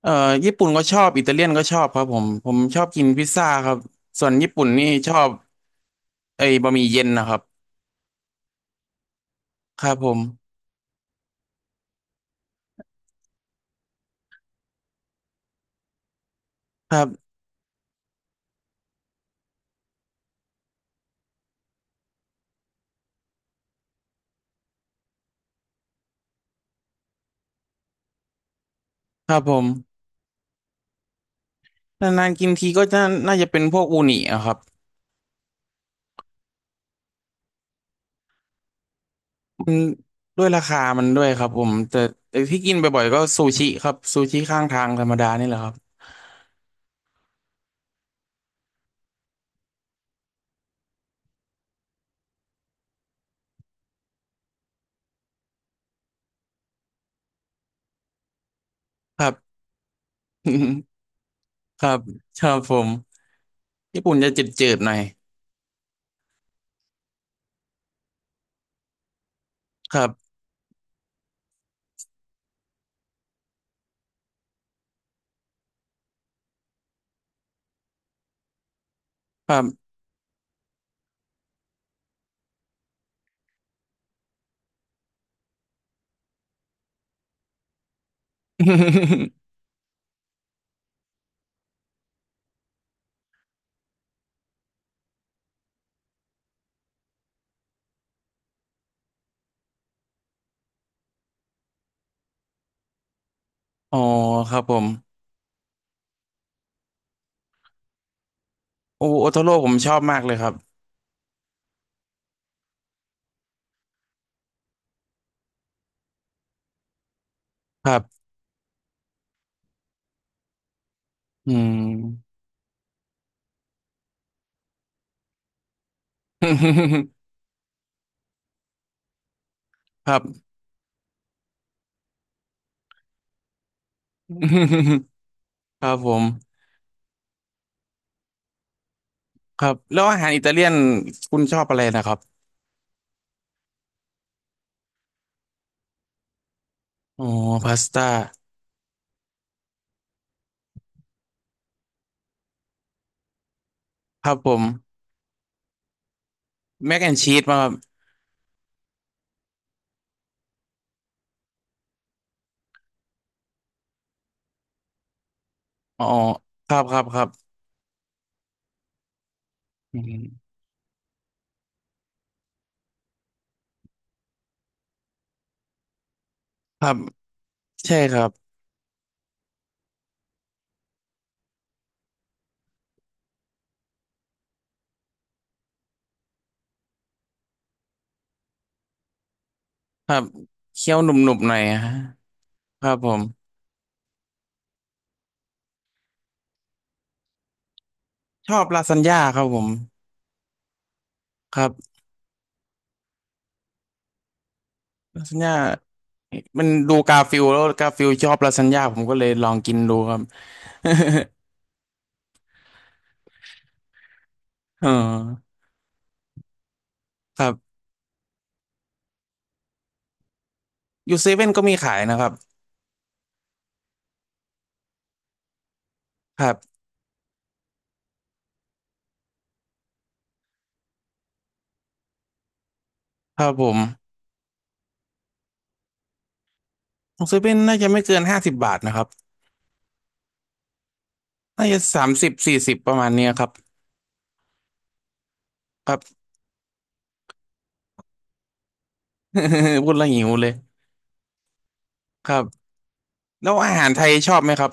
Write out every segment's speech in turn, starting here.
เอ่อญี่ปุ่นก็ชอบอิตาเลียนก็ชอบครับผมชอบกินพิซซ่าครับส่วนญี่ปุ่นนี่ชอบไอ้บะหมี่เย็นนะครับครับผมครับครับผมนานๆกินทีก็น่าจะเป็นพวกอูนิอะครับมันด้วยราคามันด้วยครับผมแต่ที่กินบ่อยๆก็ซูชิครับซูชิข้างทางธรรมดานี่แหละครับครับ ครับครับผมญี่ปุ่นจะจืดๆหน่อยครับครับ อ๋อครับผมโอโอโทโร่ผมชอบมากเลยครับครับอืม ครับครับผมครับแล้วอาหารอิตาเลียนคุณชอบอะไรนะครับอ๋อพาสต้าครับผมแมกแอนชีสมาครับอ๋อครับครับครับอืมครับใช่ครับครับเคี้ยวหนุบๆหน่อยฮะครับผมชอบลาซานญ่าครับผมครับลาซานญ่ามันดูกาฟิลแล้วกาฟิลชอบลาซานญ่าผมก็เลยลองกินดูครับ เอ๋อครับอยู่เซเว่นก็มีขายนะครับครับครับผม ของเซเว่นน่าจะไม่เกิน50 บาทนะครับน่าจะ30 40ประมาณเนี้ยครับครับ พูดแล้วหิวเลยครับแล้วอาหารไทยชอบไหมครับ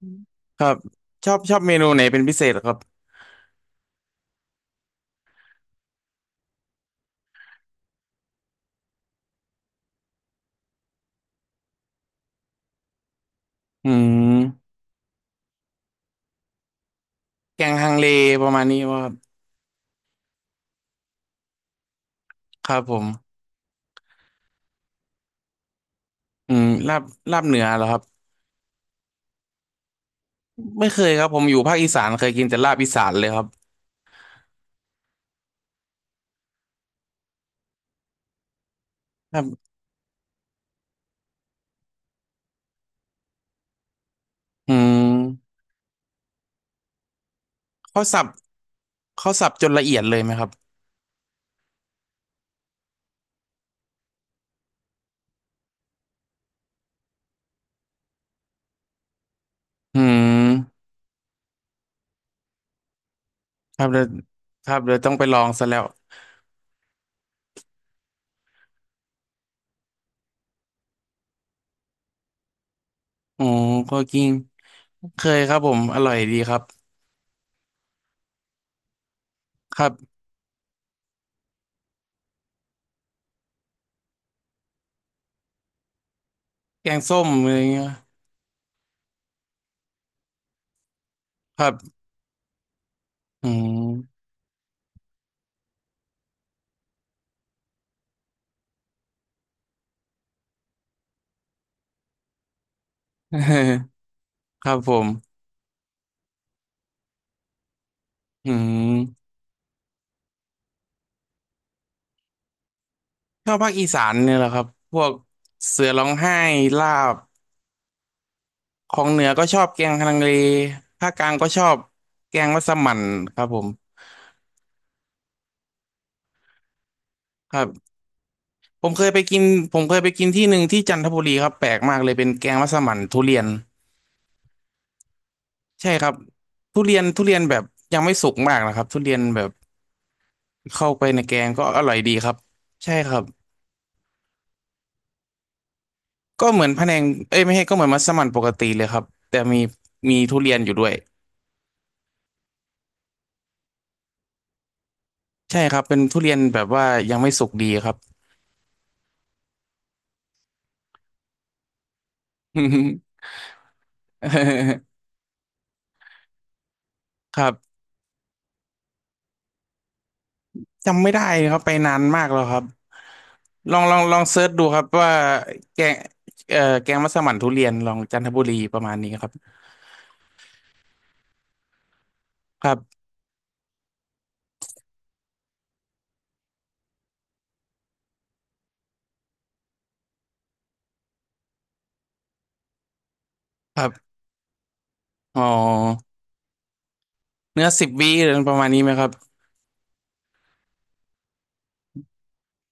ครับชอบชอบเมนูไหนเป็นพิเศษเหรอครับอืมแกงฮังเลประมาณนี้ว่าครับครับผมอืมลาบลาบเหนือเหรอครับไม่เคยครับผมอยู่ภาคอีสานเคยกินแต่ลาบอีสานเลยครับครับอืมเขาสับเขาสับจนละเอียดเลยไหมครับอืมครับเดี๋ยวครับเดี๋ยวต้องไปลองซะแล้วอ๋อก็จิน เคยครับผมอร่อยดีครับครับแกงส้มอะไรเงี้ยครับอืม ครับผมอืมชอบภาคอีสานเนี่ยแหละครับพวกเสือร้องไห้ลาบของเหนือก็ชอบแกงฮังเลภาคกลางก็ชอบแกงมัสมั่นครับผมครับผมเคยไปกินเคยไปกินที่หนึ่งที่จันทบุรีครับแปลกมากเลยเป็นแกงมัสมั่นทุเรียนใช่ครับทุเรียนแบบยังไม่สุกมากนะครับทุเรียนแบบเข้าไปในแกงก็อร่อยดีครับใช่ครับ ก็เหมือนพะแนงเอ้ยไม่ใช่ก็เหมือนมัสมั่นปกติเลยครับแต่มีทุเรียนอยู่ด้วยใช่ครับเป็นทุเรียนแบบว่ายังไม่สุกดีครับ ครับจำไม่ได้ครับไปนานมากแล้วครับลองลองเซิร์ชดูครับว่าแกงแกงมัสมั่นทุเรียนลองจันทบุรีประมาณนี้ครับครับครับอ๋อเนื้อ10 วิอะไรอประมาณนี้ไหมครับ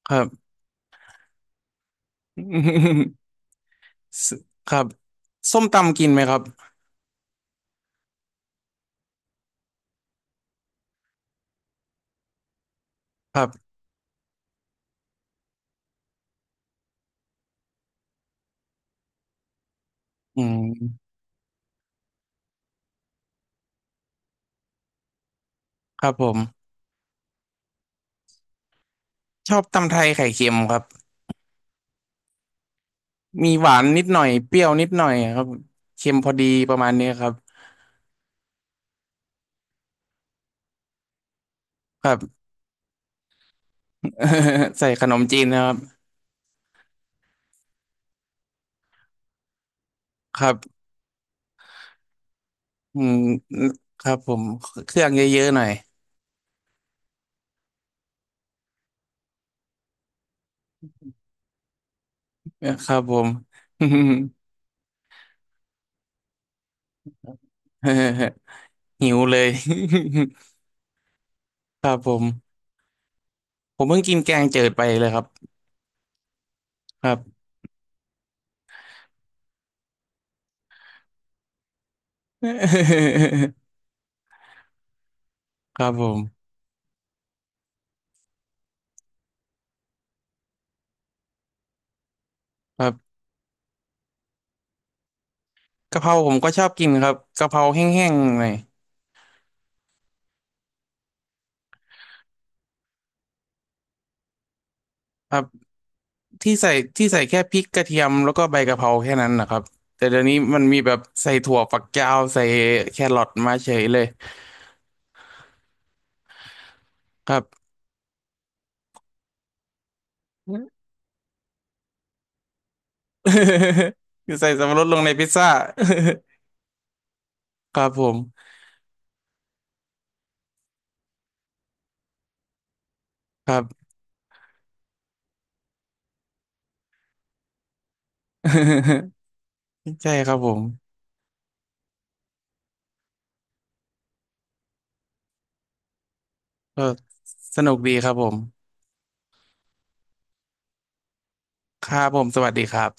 ครับ สครับส้มตำกินไหมครับครับอืมครับผมชอบตำไทยไข่เค็มครับ มีหวานนิดหน่อยเปรี้ยวนิดหน่อยครับเค็มพอดีประมาณนี้ครับครับ ใส่ขนมจีนนะครับครับอืมครับผมเครื่องเยอะๆหน่อยครับผม หิวเลย ครับผมผมเพิ่งกินแกงจืดไปเลยครับครับ ครับผมครับกะเพราผมก็ชอบกินครับกะเพราแห้งๆหน่อยครับ ที่ใส่ที่ใส่แค่พริกกระเทียมแล้วก็ใบกะเพราแค่นั้นนะครับแต่เดี๋ยวนี้มันมีแบบใส่ถั่วฝักยาวใส่แครอทมาเฉยเลยครับ คือใส่สับปะรดลงในพิซซ่า ครับผมครับ ใช่ครับผมก็สนุกดีครับผมครับผมสวัสดีครับ